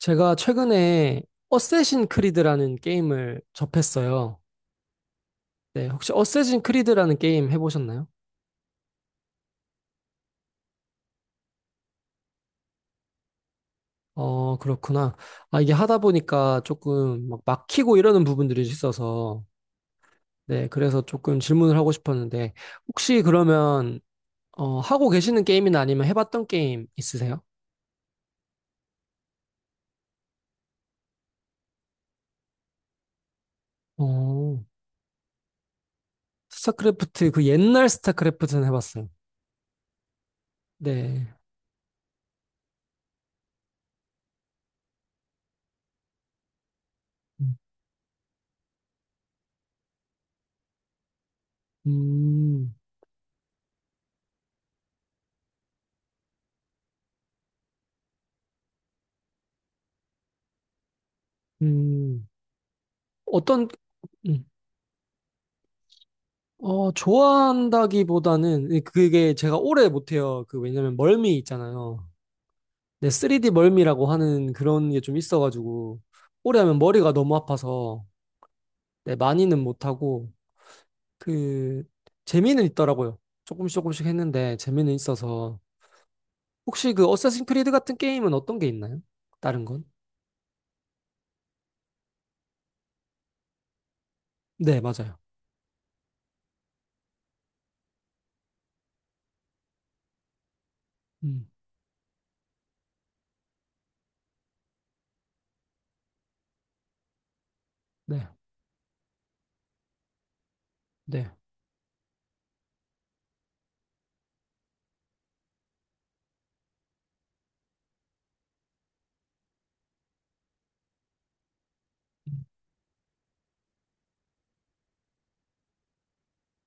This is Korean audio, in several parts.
제가 최근에 어쌔신 크리드라는 게임을 접했어요. 네, 혹시 어쌔신 크리드라는 게임 해보셨나요? 어, 그렇구나. 아, 이게 하다 보니까 조금 막 막히고 이러는 부분들이 있어서, 네, 그래서 조금 질문을 하고 싶었는데, 혹시 그러면, 하고 계시는 게임이나 아니면 해봤던 게임 있으세요? 어, 스타크래프트, 그 옛날 스타크래프트는 해봤어요. 네. 음, 음, 음. 어떤, 음, 좋아한다기보다는 그게 제가 오래 못해요. 그 왜냐면 멀미 있잖아요. 네, 3D 멀미라고 하는 그런 게 좀 있어가지고 오래 하면 머리가 너무 아파서 네, 많이는 못하고 그 재미는 있더라고요. 조금씩 조금씩 했는데 재미는 있어서 혹시 그 어쌔신 크리드 같은 게임은 어떤 게 있나요? 다른 건? 네, 맞아요. 음, 네, 네. 음,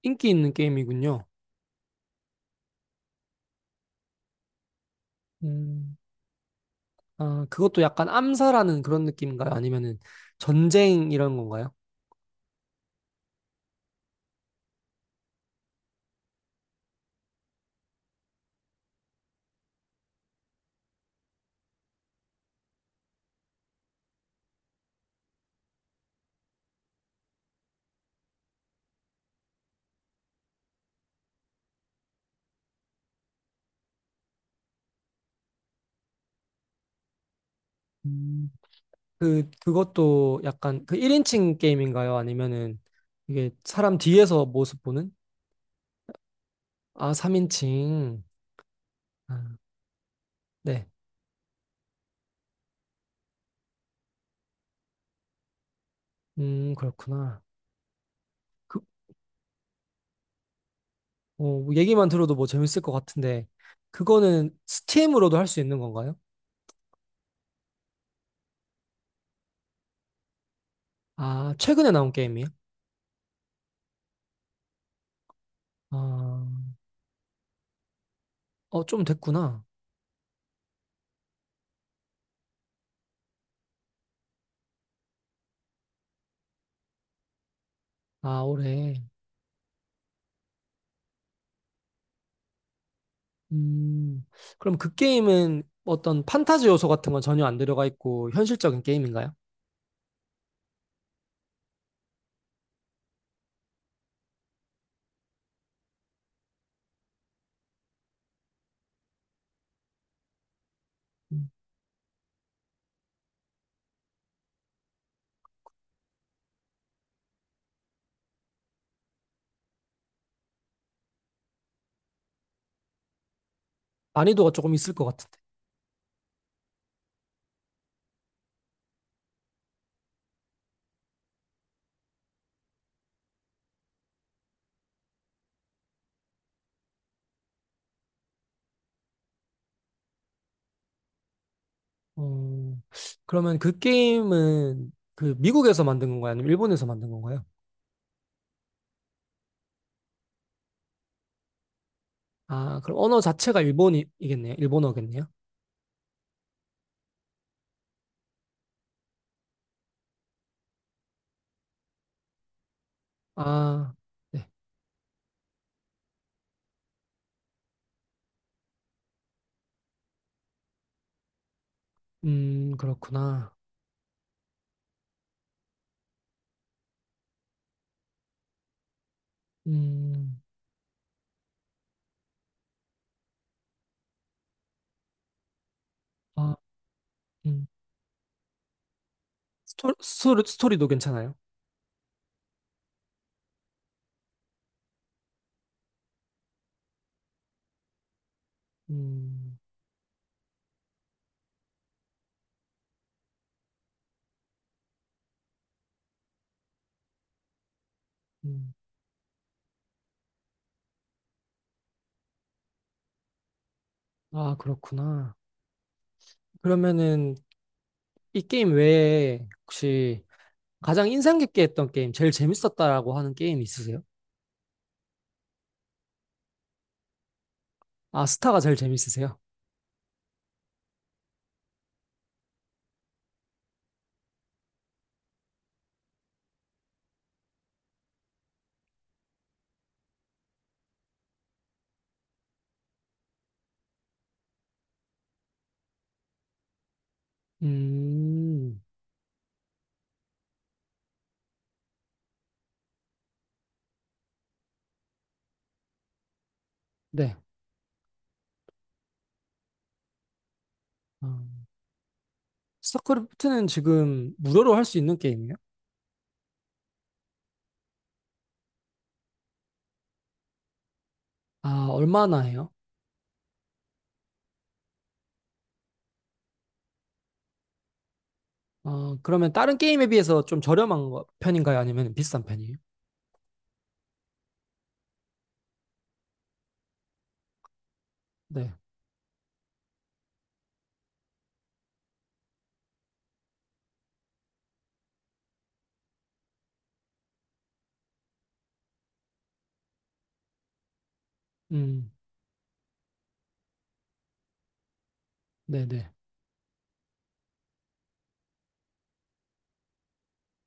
인기 있는 게임이군요. 음, 그것도 약간 암살하는 그런 느낌인가요? 아니면은 전쟁 이런 건가요? 음. 그것도 약간 그 1인칭 게임인가요? 아니면은 이게 사람 뒤에서 모습 보는? 아, 3인칭. 아, 네. 그렇구나. 그, 뭐 얘기만 들어도 뭐 재밌을 것 같은데, 그거는 스팀으로도 할 수 있는 건가요? 아, 최근에 나온 게임이에요? 아, 좀 됐구나. 아, 올해. 음, 그럼 그 게임은 어떤 판타지 요소 같은 건 전혀 안 들어가 있고 현실적인 게임인가요? 음, 난이도가 조금 있을 것 같은데. 어, 그러면 그 게임은 그 미국에서 만든 건가요? 아니면 일본에서 만든 건가요? 아, 그럼 언어 자체가 일본이겠네요. 일본어겠네요. 아, 네. 그렇구나. 음, 아, 음. 스토리도 괜찮아요? 음, 음. 아, 그렇구나. 그러면은 이 게임 외에 혹시 가장 인상 깊게 했던 게임, 제일 재밌었다라고 하는 게임 있으세요? 아, 스타가 제일 재밌으세요? 음, 네. 어, 스타크래프트는 지금 무료로 할 수 있는 게임이에요? 아, 얼마나 해요? 그러면 다른 게임에 비해서 좀 저렴한 편인가요? 아니면 비싼 편이에요? 네. 음, 네네.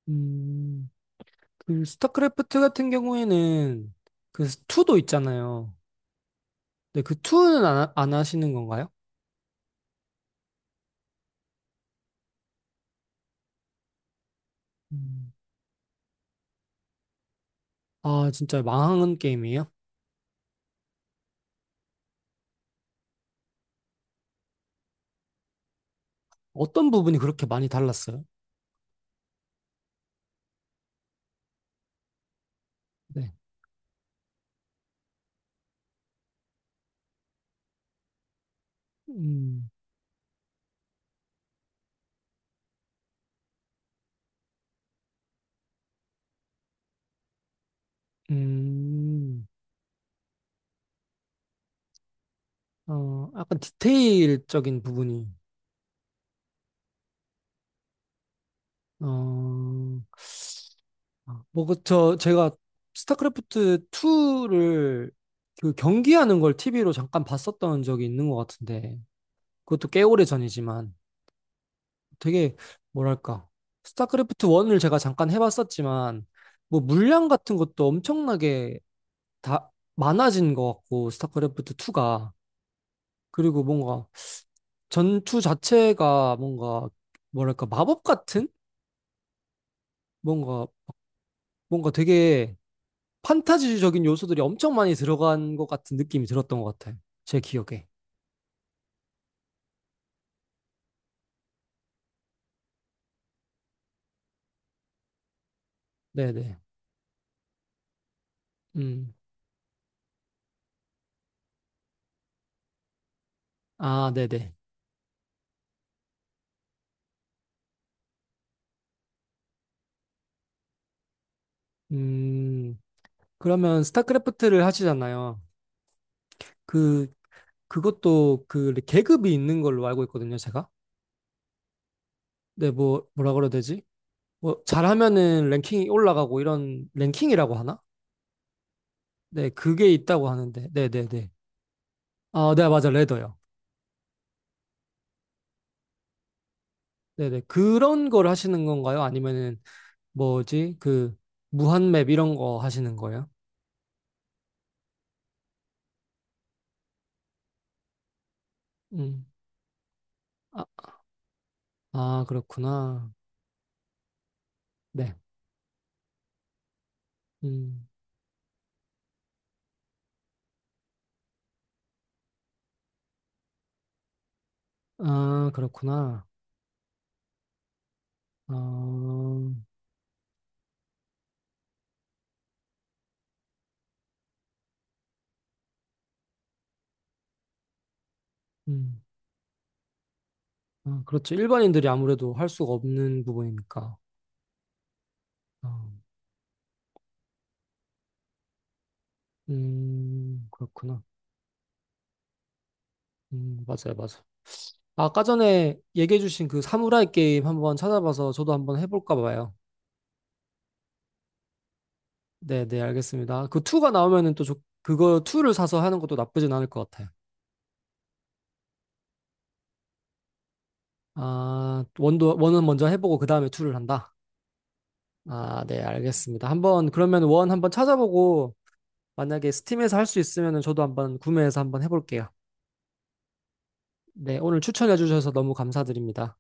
음, 그 스타크래프트 같은 경우에는 그 2도 있잖아요. 네, 그 2는 안 하시는 건가요? 음. 아, 진짜 망한 게임이에요? 어떤 부분이 그렇게 많이 달랐어요? 네. 음, 음, 약간 디테일적인 부분이, 어, 뭐, 그, 저, 제가 스타크래프트 2를 그 경기하는 걸 TV로 잠깐 봤었던 적이 있는 것 같은데, 그것도 꽤 오래 전이지만, 되게, 뭐랄까, 스타크래프트 1을 제가 잠깐 해봤었지만, 뭐, 물량 같은 것도 엄청나게 다 많아진 것 같고, 스타크래프트 2가. 그리고 뭔가, 전투 자체가 뭔가 뭐랄까 마법 같은 뭔가 뭔가 되게 판타지적인 요소들이 엄청 많이 들어간 것 같은 느낌이 들었던 것 같아요. 제 기억에. 네네. 음. 아, 네네. 음. 그러면 스타크래프트를 하시잖아요. 그 그것도 그 계급이 있는 걸로 알고 있거든요, 제가. 네, 뭐 뭐라 그래야 되지? 뭐 잘하면은 랭킹이 올라가고 이런 랭킹이라고 하나? 네, 그게 있다고 하는데. 네네네. 아, 네, 맞아. 레더요. 네네. 그런 걸 하시는 건가요? 아니면은 뭐지? 그 무한맵 이런 거 하시는 거예요? 음. 아, 아, 그렇구나. 네. 음. 아, 그렇구나. 어, 음. 아, 그렇죠. 일반인들이 아무래도 할 수가 없는 부분이니까. 어, 그렇구나. 맞아요, 맞아요. 아까 전에 얘기해주신 그 사무라이 게임 한번 찾아봐서 저도 한번 해볼까 봐요. 네, 네, 알겠습니다. 그 2가 나오면은 또 그거 2를 사서 하는 것도 나쁘진 않을 것 같아요. 아, 원은 먼저 해보고 그 다음에 투를 한다. 아, 네, 알겠습니다. 한번, 그러면 원 한번 찾아보고 만약에 스팀에서 할 수 있으면 저도 한번 구매해서 한번 해볼게요. 네, 오늘 추천해 주셔서 너무 감사드립니다.